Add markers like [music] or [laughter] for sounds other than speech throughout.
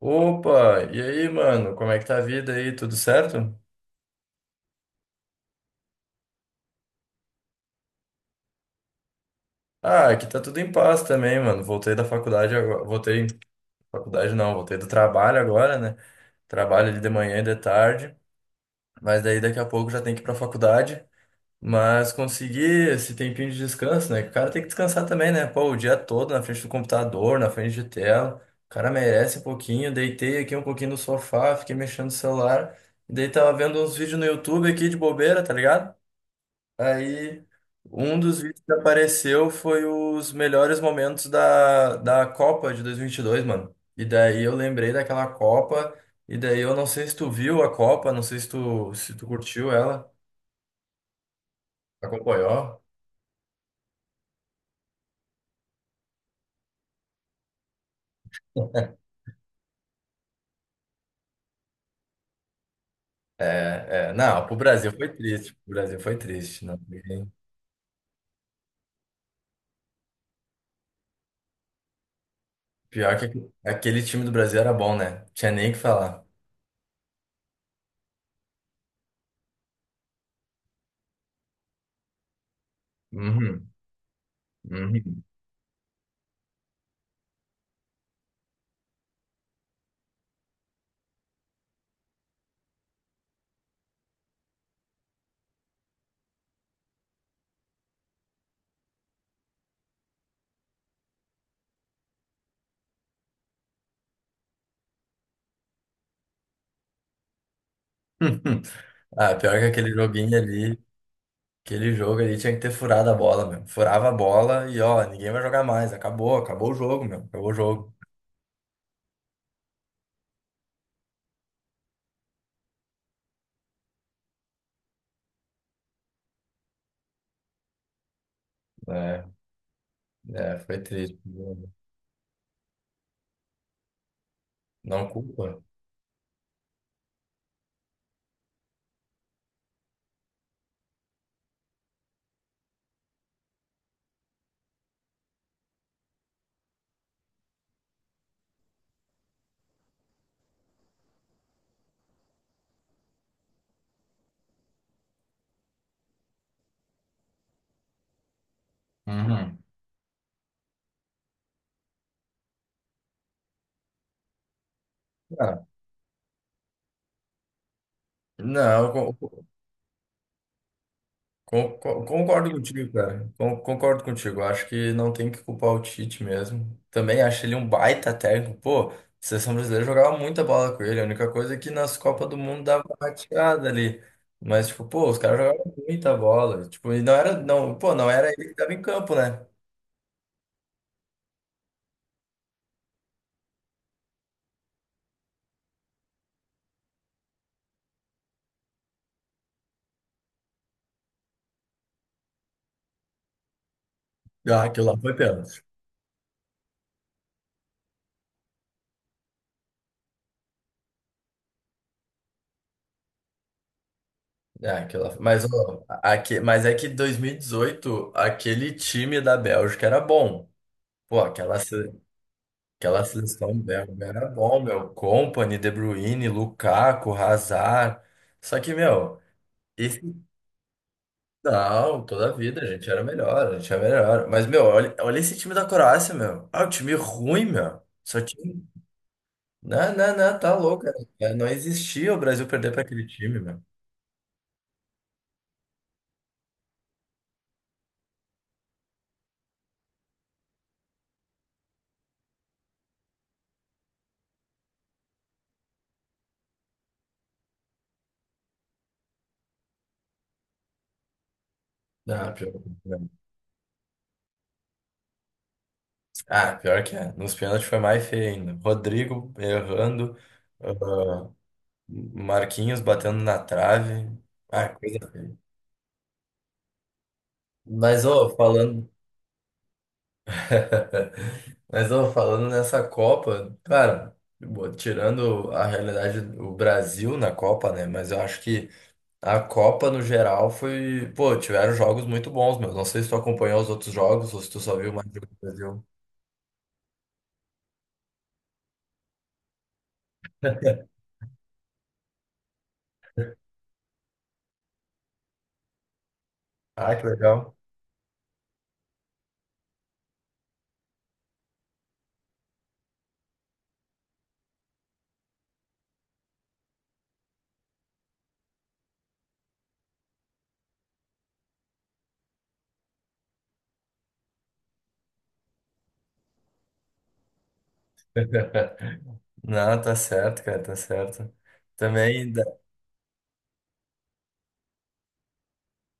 Opa, e aí, mano? Como é que tá a vida aí? Tudo certo? Ah, aqui tá tudo em paz também, mano. Voltei da faculdade agora. Voltei, faculdade não, voltei do trabalho agora, né? Trabalho ali de manhã e de tarde, mas daí daqui a pouco já tem que ir pra faculdade. Mas consegui esse tempinho de descanso, né? Que o cara tem que descansar também, né? Pô, o dia todo na frente do computador, na frente de tela. O cara merece um pouquinho. Deitei aqui um pouquinho no sofá, fiquei mexendo no celular. E daí tava vendo uns vídeos no YouTube aqui de bobeira, tá ligado? Aí, um dos vídeos que apareceu foi os melhores momentos da Copa de dois mil e vinte e dois, mano. E daí eu lembrei daquela Copa, e daí eu não sei se tu viu a Copa, não sei se tu curtiu ela, acompanhou. É, é, não, pro Brasil foi triste, pro Brasil foi triste. Não. Pior que aquele time do Brasil era bom, né? Tinha nem o que falar. Uhum, uhum. [laughs] Ah, pior que aquele joguinho ali. Aquele jogo ali tinha que ter furado a bola, meu. Furava a bola e, ó, ninguém vai jogar mais. Acabou o jogo, meu. Acabou o jogo. É, é, foi triste. Não culpa. Uhum. Ah, não, Concordo contigo, cara. Concordo contigo. Acho que não tem que culpar o Tite mesmo. Também acho ele um baita técnico. Pô, a seleção brasileira jogava muita bola com ele. A única coisa é que nas Copas do Mundo dava uma rateada ali. Mas, tipo, pô, os caras jogavam muita bola. Tipo, e não era, não, pô, não era ele que tava em campo, né? Ah, aquilo lá foi pênalti. É, aquilo lá. Mas, ó, mas é que 2018, aquele time da Bélgica era bom. Pô, aquela seleção belga era bom, meu. Company De Bruyne, Lukaku, Hazard. Só que, meu, esse não, toda a vida a gente era melhor, a gente era melhor. Mas, meu, olha, olha esse time da Croácia, meu. Ah, o time ruim, meu. Só tinha. Não, não, não, tá louco, cara. É, não existia o Brasil perder pra aquele time, meu. Ah, pior, que é. Ah, pior que é. Nos pênaltis foi mais feio ainda. Rodrigo errando, ah, Marquinhos batendo na trave. Ah, coisa feia. Mas, ó, falando. [laughs] Mas, ó, falando nessa Copa, cara, tirando a realidade do Brasil na Copa, né? Mas eu acho que a Copa no geral foi. Pô, tiveram jogos muito bons, meu. Não sei se tu acompanhou os outros jogos ou se tu só viu mais jogo do Brasil. Ah, que legal. [laughs] Não, tá certo, cara, tá certo. Também ainda-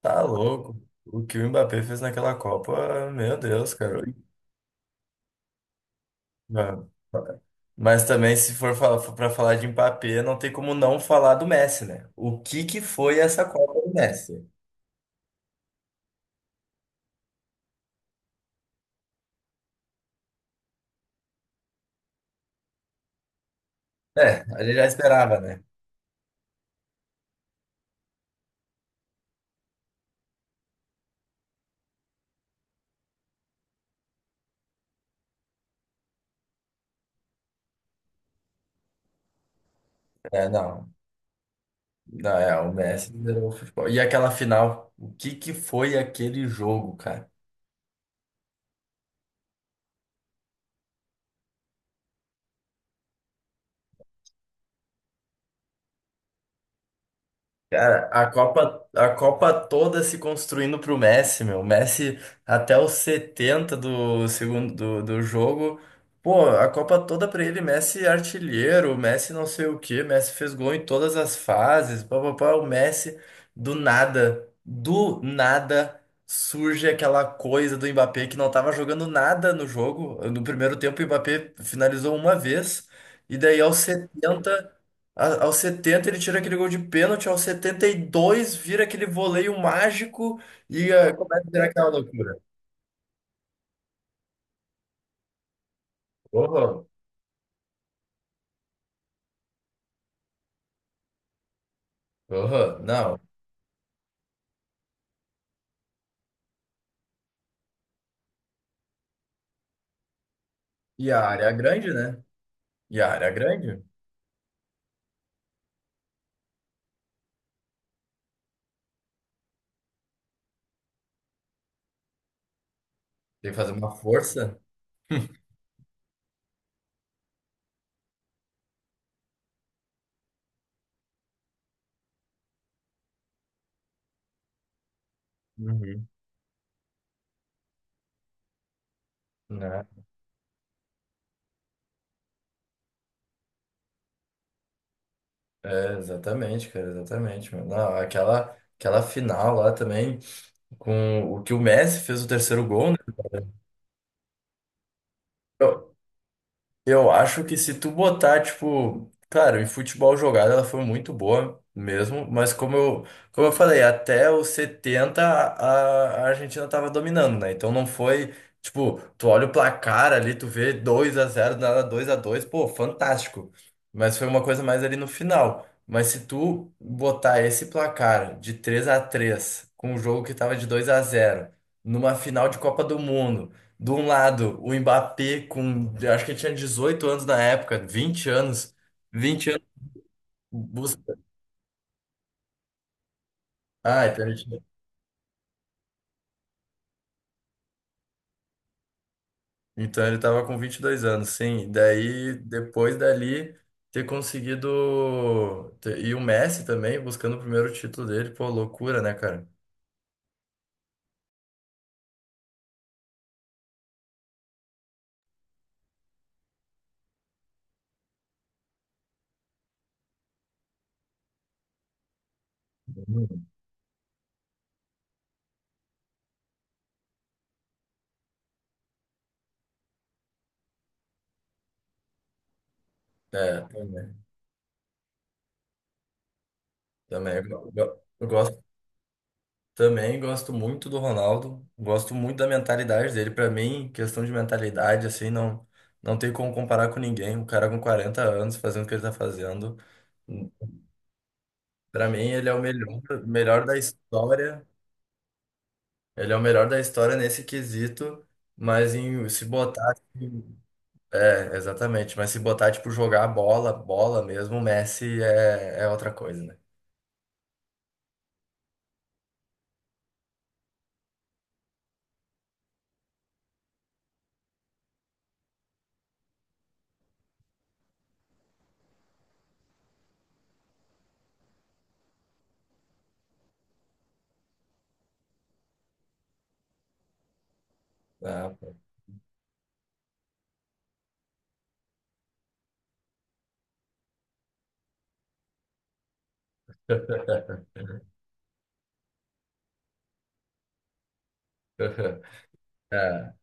tá louco. O que o Mbappé fez naquela Copa, meu Deus, cara. Ah. Mas também, se for para falar de Mbappé, não tem como não falar do Messi, né? O que que foi essa Copa do Messi? É, a gente já esperava, né? É, não. Não, é, o Messi liderou o futebol. E aquela final, o que que foi aquele jogo, cara? Cara, a Copa toda se construindo pro Messi, meu. O Messi até os 70 do segundo do jogo. Pô, a Copa toda pra ele, Messi artilheiro, Messi não sei o quê, Messi fez gol em todas as fases, pá, pá, pá, o Messi do nada surge aquela coisa do Mbappé que não tava jogando nada no jogo. No primeiro tempo, o Mbappé finalizou uma vez. E daí aos 70 aos 70 ele tira aquele gol de pênalti, aos 72 vira aquele voleio mágico e começa a virar aquela loucura. Horror, horror, não. E a área é grande, né? E a área é grande. Tem que fazer uma força. Uhum. Né? É, exatamente, cara, exatamente, mano. Não, aquela final lá também, com o que o Messi fez o terceiro gol, né? Eu acho que se tu botar, tipo, claro, em futebol jogado ela foi muito boa mesmo, mas como eu falei, até os 70 a Argentina tava dominando, né? Então não foi, tipo, tu olha o placar ali, tu vê 2 a zero nada 2 a dois, pô, fantástico. Mas foi uma coisa mais ali no final. Mas se tu botar esse placar de 3 a 3 com o jogo que tava de 2 a zero numa final de Copa do Mundo, de um lado, o Mbappé com, eu acho que ele tinha 18 anos na época, 20 anos, 20 anos, busca- ah, então ele então ele tava com 22 anos, sim, daí, depois dali, ter conseguido, e o Messi também, buscando o primeiro título dele, pô, loucura, né, cara? Uhum. É, também, eu gosto. Também gosto muito do Ronaldo, gosto muito da mentalidade dele. Para mim, questão de mentalidade, assim, não, não tem como comparar com ninguém. Um cara com 40 anos fazendo o que ele tá fazendo. Para mim, ele é o melhor, melhor da história. Ele é o melhor da história nesse quesito, mas em se botar, assim, é, exatamente. Mas se botar, tipo, jogar bola, bola mesmo, o Messi é outra coisa, né? Ah, [laughs] é.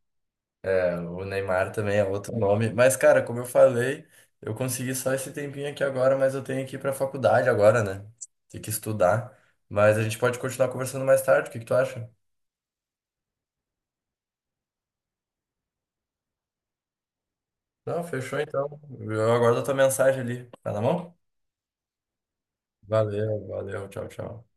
Então, o Neymar também é outro nome. Mas, cara, como eu falei, eu consegui só esse tempinho aqui agora, mas eu tenho que ir pra faculdade agora, né? Tem que estudar. Mas a gente pode continuar conversando mais tarde, o que que tu acha? Não, fechou então. Eu aguardo a tua mensagem ali. Tá na mão? Valeu, valeu. Tchau, tchau.